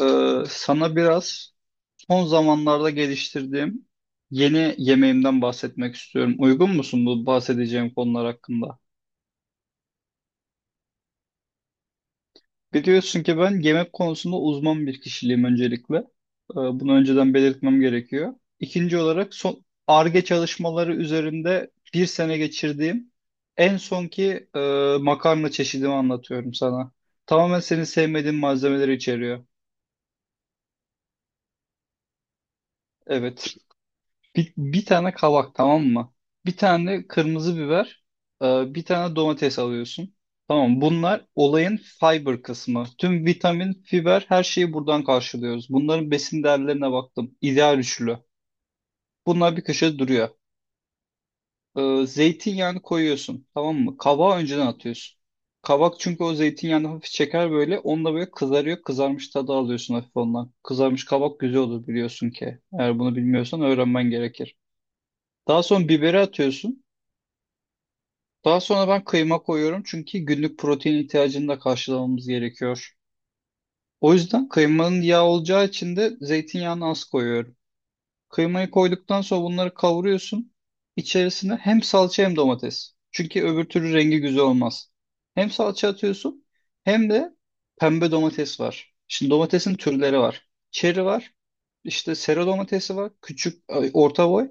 Sana biraz son zamanlarda geliştirdiğim yeni yemeğimden bahsetmek istiyorum. Uygun musun bu bahsedeceğim konular hakkında? Biliyorsun ki ben yemek konusunda uzman bir kişiliğim öncelikle. Bunu önceden belirtmem gerekiyor. İkinci olarak son Ar-Ge çalışmaları üzerinde bir sene geçirdiğim en sonki makarna çeşidimi anlatıyorum sana. Tamamen senin sevmediğin malzemeleri içeriyor. Evet. Bir tane kabak, tamam mı? Bir tane kırmızı biber, bir tane domates alıyorsun. Tamam, bunlar olayın fiber kısmı. Tüm vitamin, fiber, her şeyi buradan karşılıyoruz. Bunların besin değerlerine baktım. İdeal üçlü. Bunlar bir köşede duruyor. Zeytinyağını koyuyorsun, tamam mı? Kabağı önceden atıyorsun. Kabak çünkü o zeytinyağını hafif çeker böyle. Onunla böyle kızarıyor. Kızarmış tadı alıyorsun hafif ondan. Kızarmış kabak güzel olur, biliyorsun ki. Eğer bunu bilmiyorsan öğrenmen gerekir. Daha sonra biberi atıyorsun. Daha sonra ben kıyma koyuyorum çünkü günlük protein ihtiyacını da karşılamamız gerekiyor. O yüzden kıymanın yağ olacağı için de zeytinyağını az koyuyorum. Kıymayı koyduktan sonra bunları kavuruyorsun. İçerisine hem salça hem domates. Çünkü öbür türlü rengi güzel olmaz. Hem salça atıyorsun hem de pembe domates var. Şimdi domatesin türleri var. Çeri var. İşte sera domatesi var. Küçük, ay, orta boy.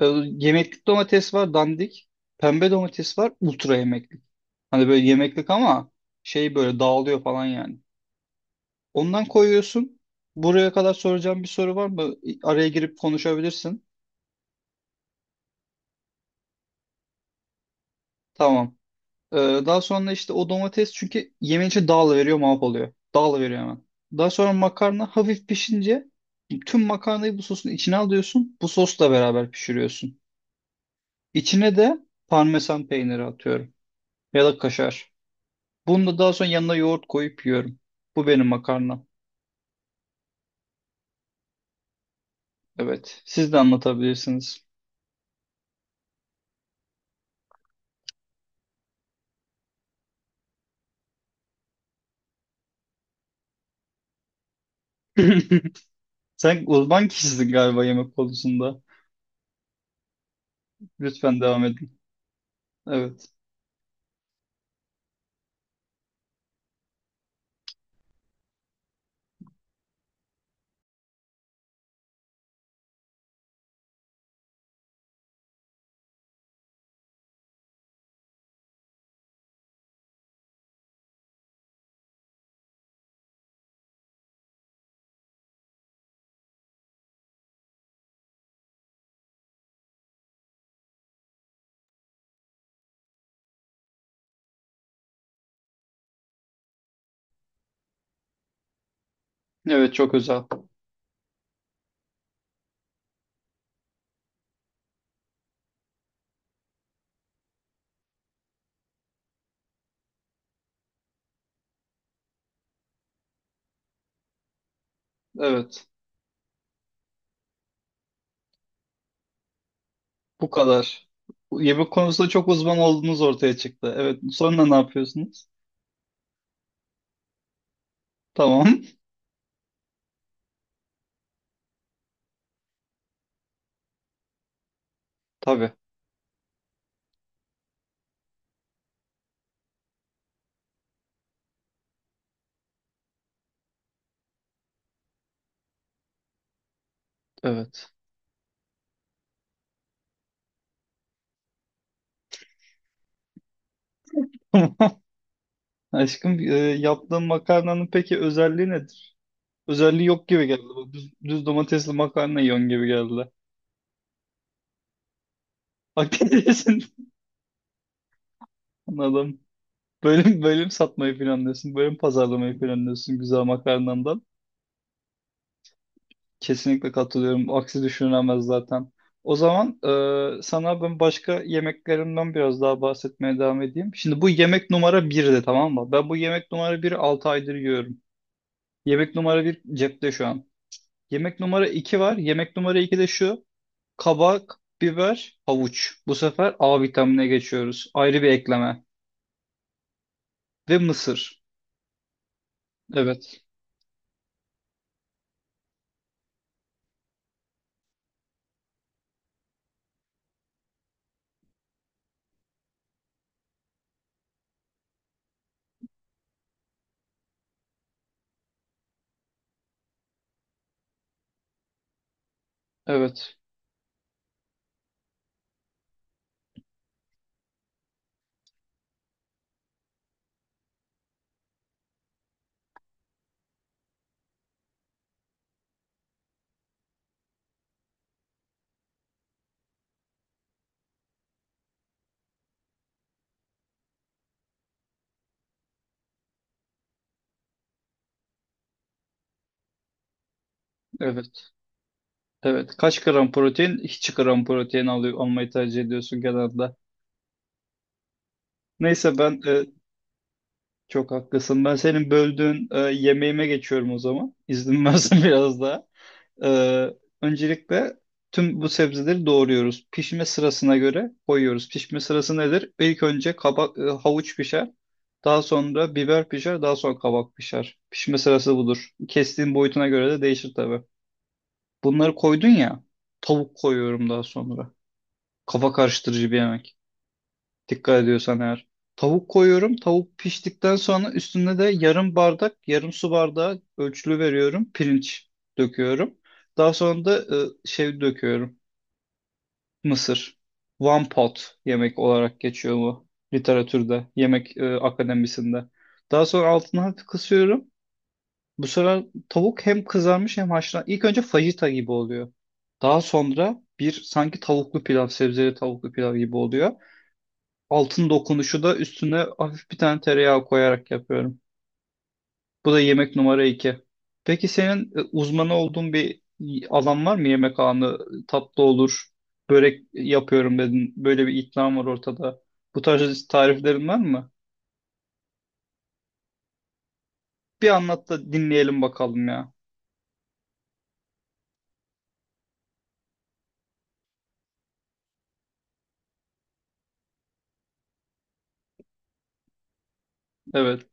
Yemeklik domates var. Dandik. Pembe domates var. Ultra yemeklik. Hani böyle yemeklik ama şey böyle dağılıyor falan yani. Ondan koyuyorsun. Buraya kadar soracağım bir soru var mı? Araya girip konuşabilirsin. Tamam. Ee, Daha sonra işte o domates çünkü yemeğin içi dağılıveriyor, mahvoluyor. Dağılıveriyor hemen. Daha sonra makarna hafif pişince tüm makarnayı bu sosun içine alıyorsun. Bu sosla beraber pişiriyorsun. İçine de parmesan peyniri atıyorum. Ya da kaşar. Bunu da daha sonra yanına yoğurt koyup yiyorum. Bu benim makarna. Evet. Siz de anlatabilirsiniz. Sen uzman kişisin galiba yemek konusunda. Lütfen devam edin. Evet. Evet, çok özel. Evet. Bu kadar. Yemek konusunda çok uzman olduğunuz ortaya çıktı. Evet. Sonra ne yapıyorsunuz? Tamam. Tabii. Evet. Aşkım, yaptığın makarnanın peki özelliği nedir? Özelliği yok gibi geldi. Bu düz, düz domatesli makarna yiyorsun gibi geldi. Hakikaten anladım. Bölüm bölüm satmayı planlıyorsun. Bölüm pazarlamayı planlıyorsun güzel makarnandan. Kesinlikle katılıyorum. Aksi düşünülemez zaten. O zaman sana ben başka yemeklerimden biraz daha bahsetmeye devam edeyim. Şimdi bu yemek numara birdi, tamam mı? Ben bu yemek numara biri 6 aydır yiyorum. Yemek numara bir cepte şu an. Yemek numara 2 var. Yemek numara 2 de şu. Kabak, biber, havuç. Bu sefer A vitamine geçiyoruz. Ayrı bir ekleme. Ve mısır. Evet. Evet. Evet. Evet. Kaç gram protein? Hiç gram protein alıyor, almayı tercih ediyorsun genelde. Neyse ben çok haklısın. Ben senin böldüğün yemeğime geçiyorum o zaman. İzin versen biraz daha. E, Öncelikle tüm bu sebzeleri doğruyoruz. Pişme sırasına göre koyuyoruz. Pişme sırası nedir? İlk önce kabak, havuç pişer. Daha sonra biber pişer. Daha sonra kabak pişer. Pişme sırası budur. Kestiğin boyutuna göre de değişir tabii. Bunları koydun ya. Tavuk koyuyorum daha sonra. Kafa karıştırıcı bir yemek. Dikkat ediyorsan eğer. Tavuk koyuyorum. Tavuk piştikten sonra üstüne de yarım bardak, yarım su bardağı ölçülü veriyorum. Pirinç döküyorum. Daha sonra da şey döküyorum. Mısır. One pot yemek olarak geçiyor bu literatürde, yemek akademisinde. Daha sonra altını hafif kısıyorum. Bu sefer tavuk hem kızarmış hem haşlan. İlk önce fajita gibi oluyor. Daha sonra bir sanki tavuklu pilav, sebzeli tavuklu pilav gibi oluyor. Altın dokunuşu da üstüne hafif bir tane tereyağı koyarak yapıyorum. Bu da yemek numara iki. Peki senin uzmanı olduğun bir alan var mı? Yemek alanı tatlı olur, börek yapıyorum dedin. Böyle bir iddian var ortada. Bu tarz tariflerin var mı? Bir anlat da dinleyelim bakalım ya. Evet,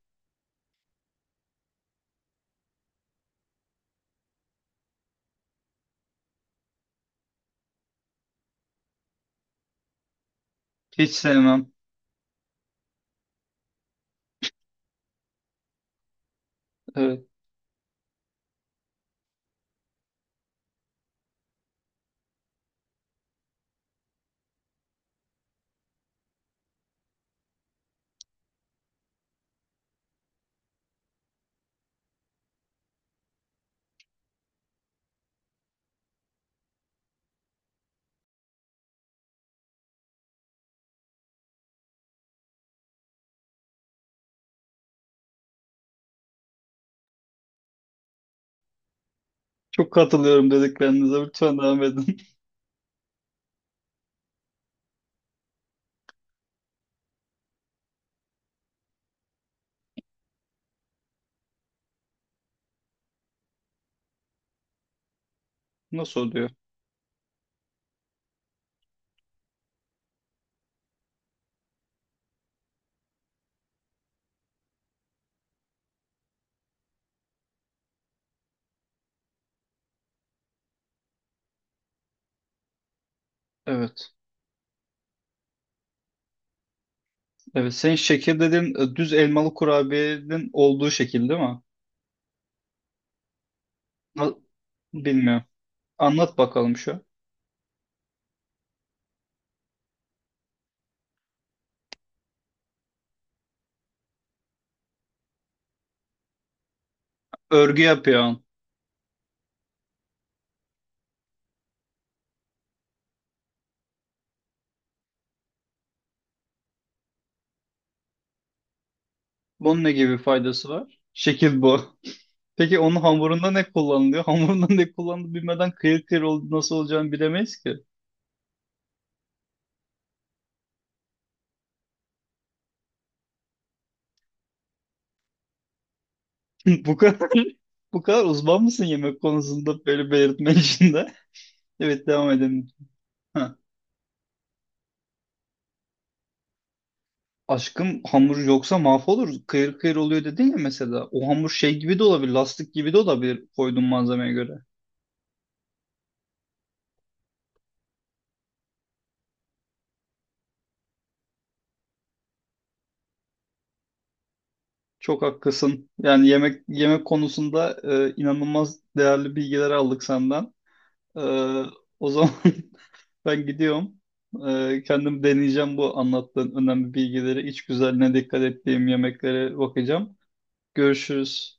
hiç sevmem. Evet. Çok katılıyorum dediklerinize. Lütfen devam edin. Nasıl oluyor? Evet. Evet. Senin şekil dediğin düz elmalı kurabiyenin olduğu şekil değil mi? Na- bilmiyorum. Anlat bakalım şu. Örgü yapıyorsun. Bunun ne gibi faydası var? Şekil bu. Peki onun hamurunda ne kullanılıyor? Hamurunda ne kullanılıyor bilmeden kıyır kıyır ol- nasıl olacağını bilemeyiz ki. Bu kadar bu kadar uzman mısın yemek konusunda böyle belirtme işinde? Evet, devam edelim. Ha. Aşkım, hamur yoksa mahvolur. Kıyır kıyır oluyor dedin ya mesela. O hamur şey gibi de olabilir, lastik gibi de olabilir koyduğun malzemeye göre. Çok haklısın. Yani yemek yemek konusunda inanılmaz değerli bilgiler aldık senden. Ee, O zaman ben gidiyorum. Kendim deneyeceğim bu anlattığın önemli bilgileri, iç güzelliğine dikkat ettiğim yemeklere bakacağım. Görüşürüz.